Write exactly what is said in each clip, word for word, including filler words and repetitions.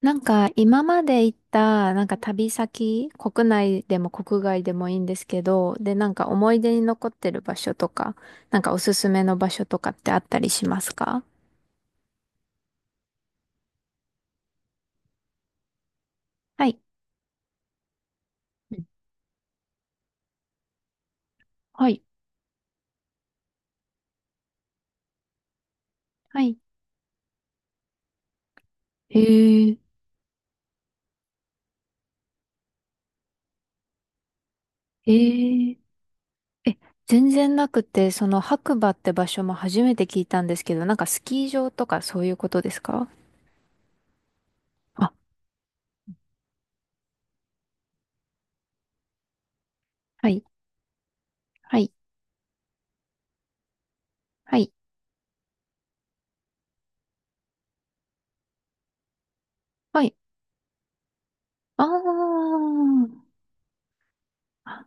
なんか今まで行ったなんか旅先、国内でも国外でもいいんですけど、でなんか思い出に残ってる場所とか、なんかおすすめの場所とかってあったりしますか？はい。うんはい。はい。へえ、へえ。え、全然なくて、その白馬って場所も初めて聞いたんですけど、なんかスキー場とかそういうことですか？あ、はい、はい、はい、はい。あーあ。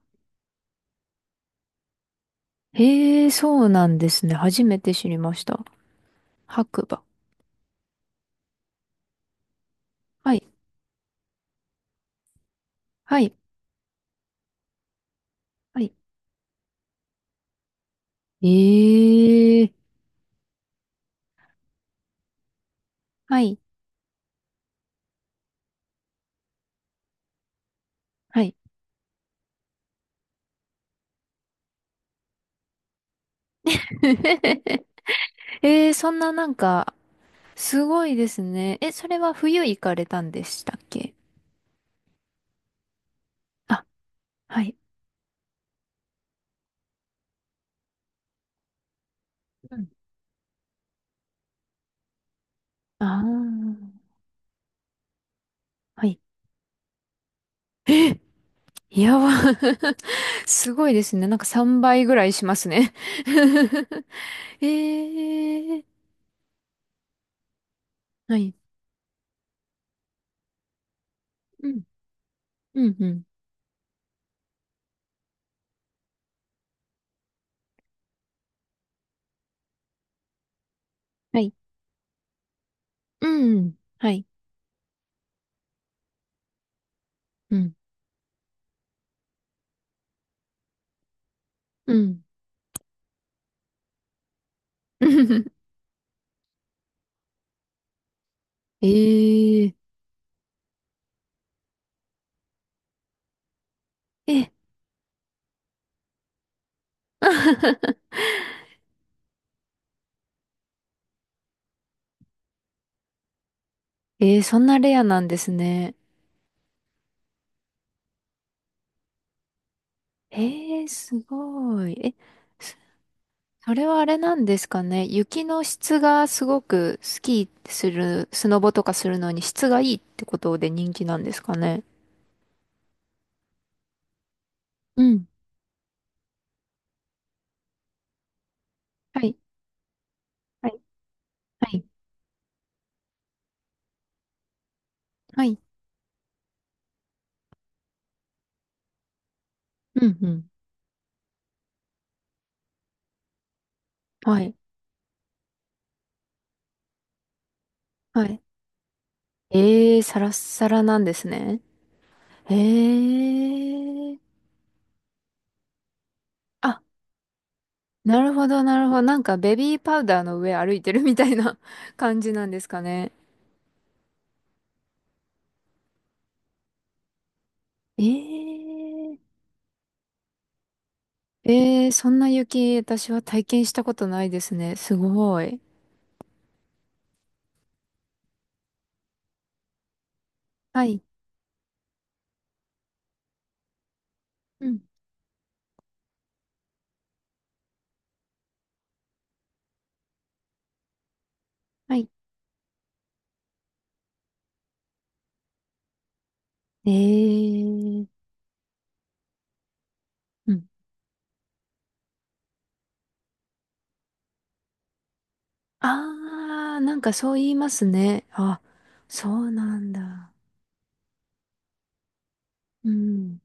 へえ、そうなんですね。初めて知りました。白馬。はい。はい。はい。ええはい。はい。ええそんななんか、すごいですね。え、それは冬行かれたんでしたっけ？あ、はい。うんああ、はい。え、やば。すごいですね。なんかさんばいぐらいしますね。ええはい。うん、うん、うん。はい。うん、はい。うん、うん。えええ、えー、そんなレアなんですね。えー、すごい。え、そそれはあれなんですかね。雪の質がすごくスキーする、スノボとかするのに質がいいってことで人気なんですかね？うん。はい。はい。はい。はい。うん。うん。はい。はい。えー、サラッサラなんですね。えー。あ、なるほど、なるほど。なんかベビーパウダーの上歩いてるみたいな 感じなんですかね？えええー、そんな雪、私は体験したことないですね。すごい。はい。うん。はい。えー、うん。あー、なんかそう言いますね。あ、そうなんだ。うん。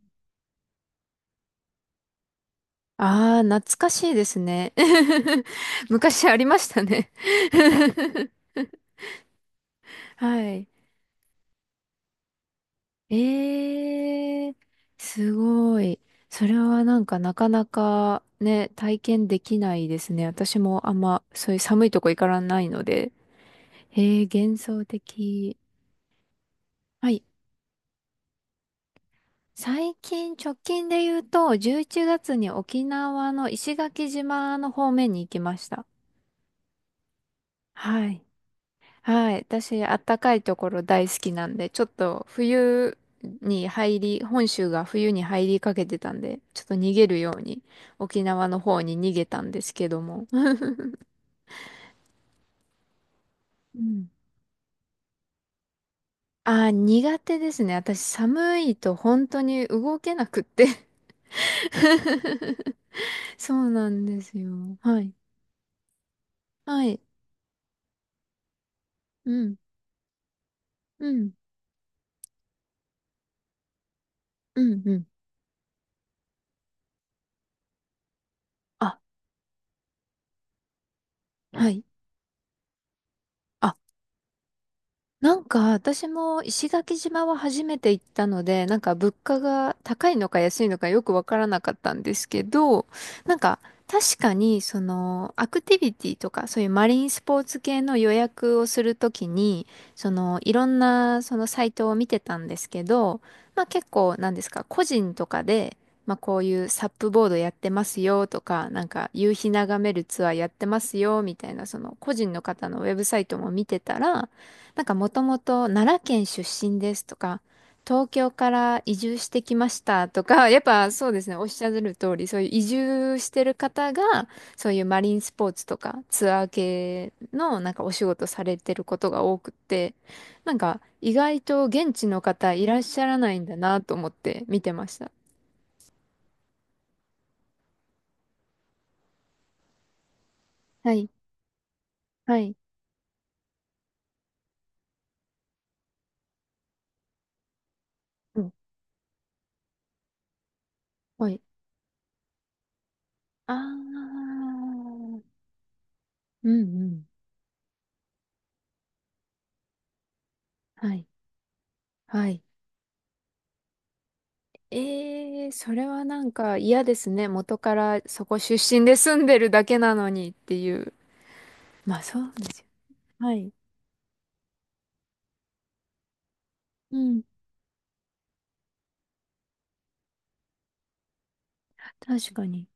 あー、懐かしいですね。昔ありましたね。はい。えー、すごい。それはなんかなかなかね、体験できないですね。私もあんまそういう寒いとこ行からないので。へえ、幻想的。はい。最近、直近で言うと、じゅういちがつに沖縄の石垣島の方面に行きました。はい。はい。私、あったかいところ大好きなんで、ちょっと冬に入り、本州が冬に入りかけてたんで、ちょっと逃げるように沖縄の方に逃げたんですけども。うん。あー、苦手ですね。私、寒いと本当に動けなくって そうなんですよ。はい。はい。うん。うん。うん。うん。あ、はい。あ、なんか私も石垣島は初めて行ったので、なんか物価が高いのか安いのかよくわからなかったんですけど、なんか確かにそのアクティビティとかそういうマリンスポーツ系の予約をするときに、そのいろんなそのサイトを見てたんですけど、まあ結構なんですか、個人とかで、まあこういうサップボードやってますよとか、なんか夕日眺めるツアーやってますよみたいなその個人の方のウェブサイトも見てたら、なんかもともと奈良県出身ですとか、東京から移住してきましたとか、やっぱそうですね、おっしゃる通り、そういう移住してる方が、そういうマリンスポーツとかツアー系のなんかお仕事されてることが多くって、なんか意外と現地の方いらっしゃらないんだなと思って見てました。はい、はい、うん、はい。あー、うん、うん、はい、はい。ええそれはなんか嫌ですね。元からそこ出身で住んでるだけなのにっていう。まあそうですよ。はい。うん。確かに。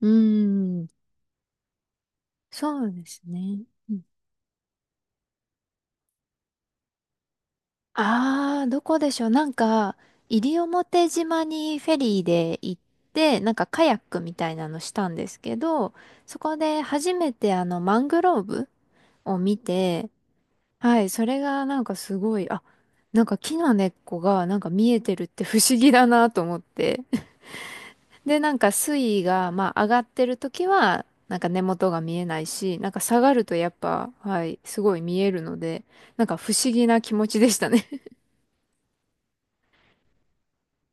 うーん。そうですね。ああー、どこでしょう。なんか、西表島にフェリーで行って、なんかカヤックみたいなのしたんですけど、そこで初めてあのマングローブを見て、はい、それがなんかすごい、あ、なんか木の根っこがなんか見えてるって不思議だなと思って。で、なんか水位が、まあ上がってる時は、なんか根元が見えないし、なんか下がるとやっぱ、はい、すごい見えるので、なんか不思議な気持ちでしたね。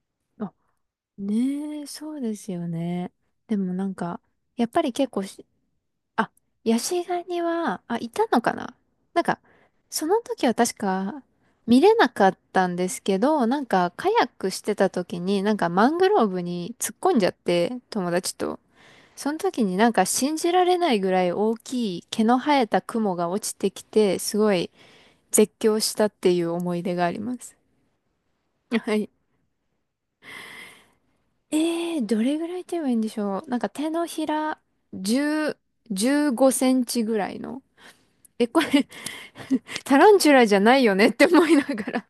あねえ、そうですよね。でもなんか、やっぱり結構しあ、ヤシガニは、あ、いたのかな？なんか、その時は確か見れなかったんですけど、なんかカヤックしてた時になんかマングローブに突っ込んじゃって、友達と。その時になんか信じられないぐらい大きい毛の生えた雲が落ちてきて、すごい絶叫したっていう思い出があります。はい。えー、どれぐらいと言えばいいんでしょう。なんか手のひらじゅう、じゅうごセンチぐらいの。え、これタランチュラじゃないよねって思いながら。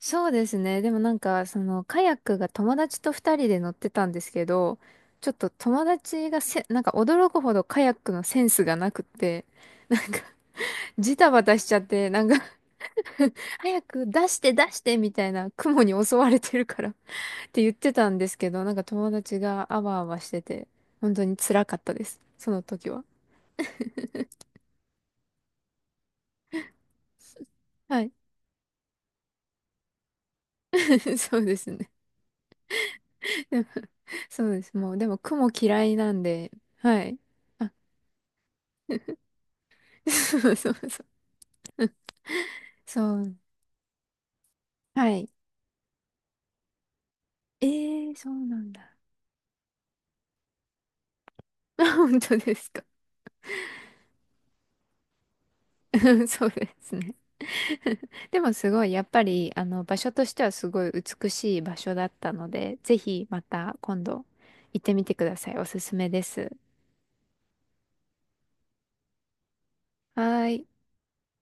そうですね。でもなんか、その、カヤックが友達とふたりで乗ってたんですけど、ちょっと友達がせ、なんか驚くほどカヤックのセンスがなくって、なんか、ジタバタしちゃって、なんか 早く出して出してみたいな、雲に襲われてるから って言ってたんですけど、なんか友達があわあわしてて、本当に辛かったです。その時は。はい。そうですね。そうです。もう、でも雲嫌いなんで、はい。あ そうそうそう。そう。はい。えー、そうなんだ。本当ですか？そうですね。でもすごい、やっぱり、あの、場所としてはすごい美しい場所だったので、ぜひまた今度行ってみてください。おすすめです。はーい。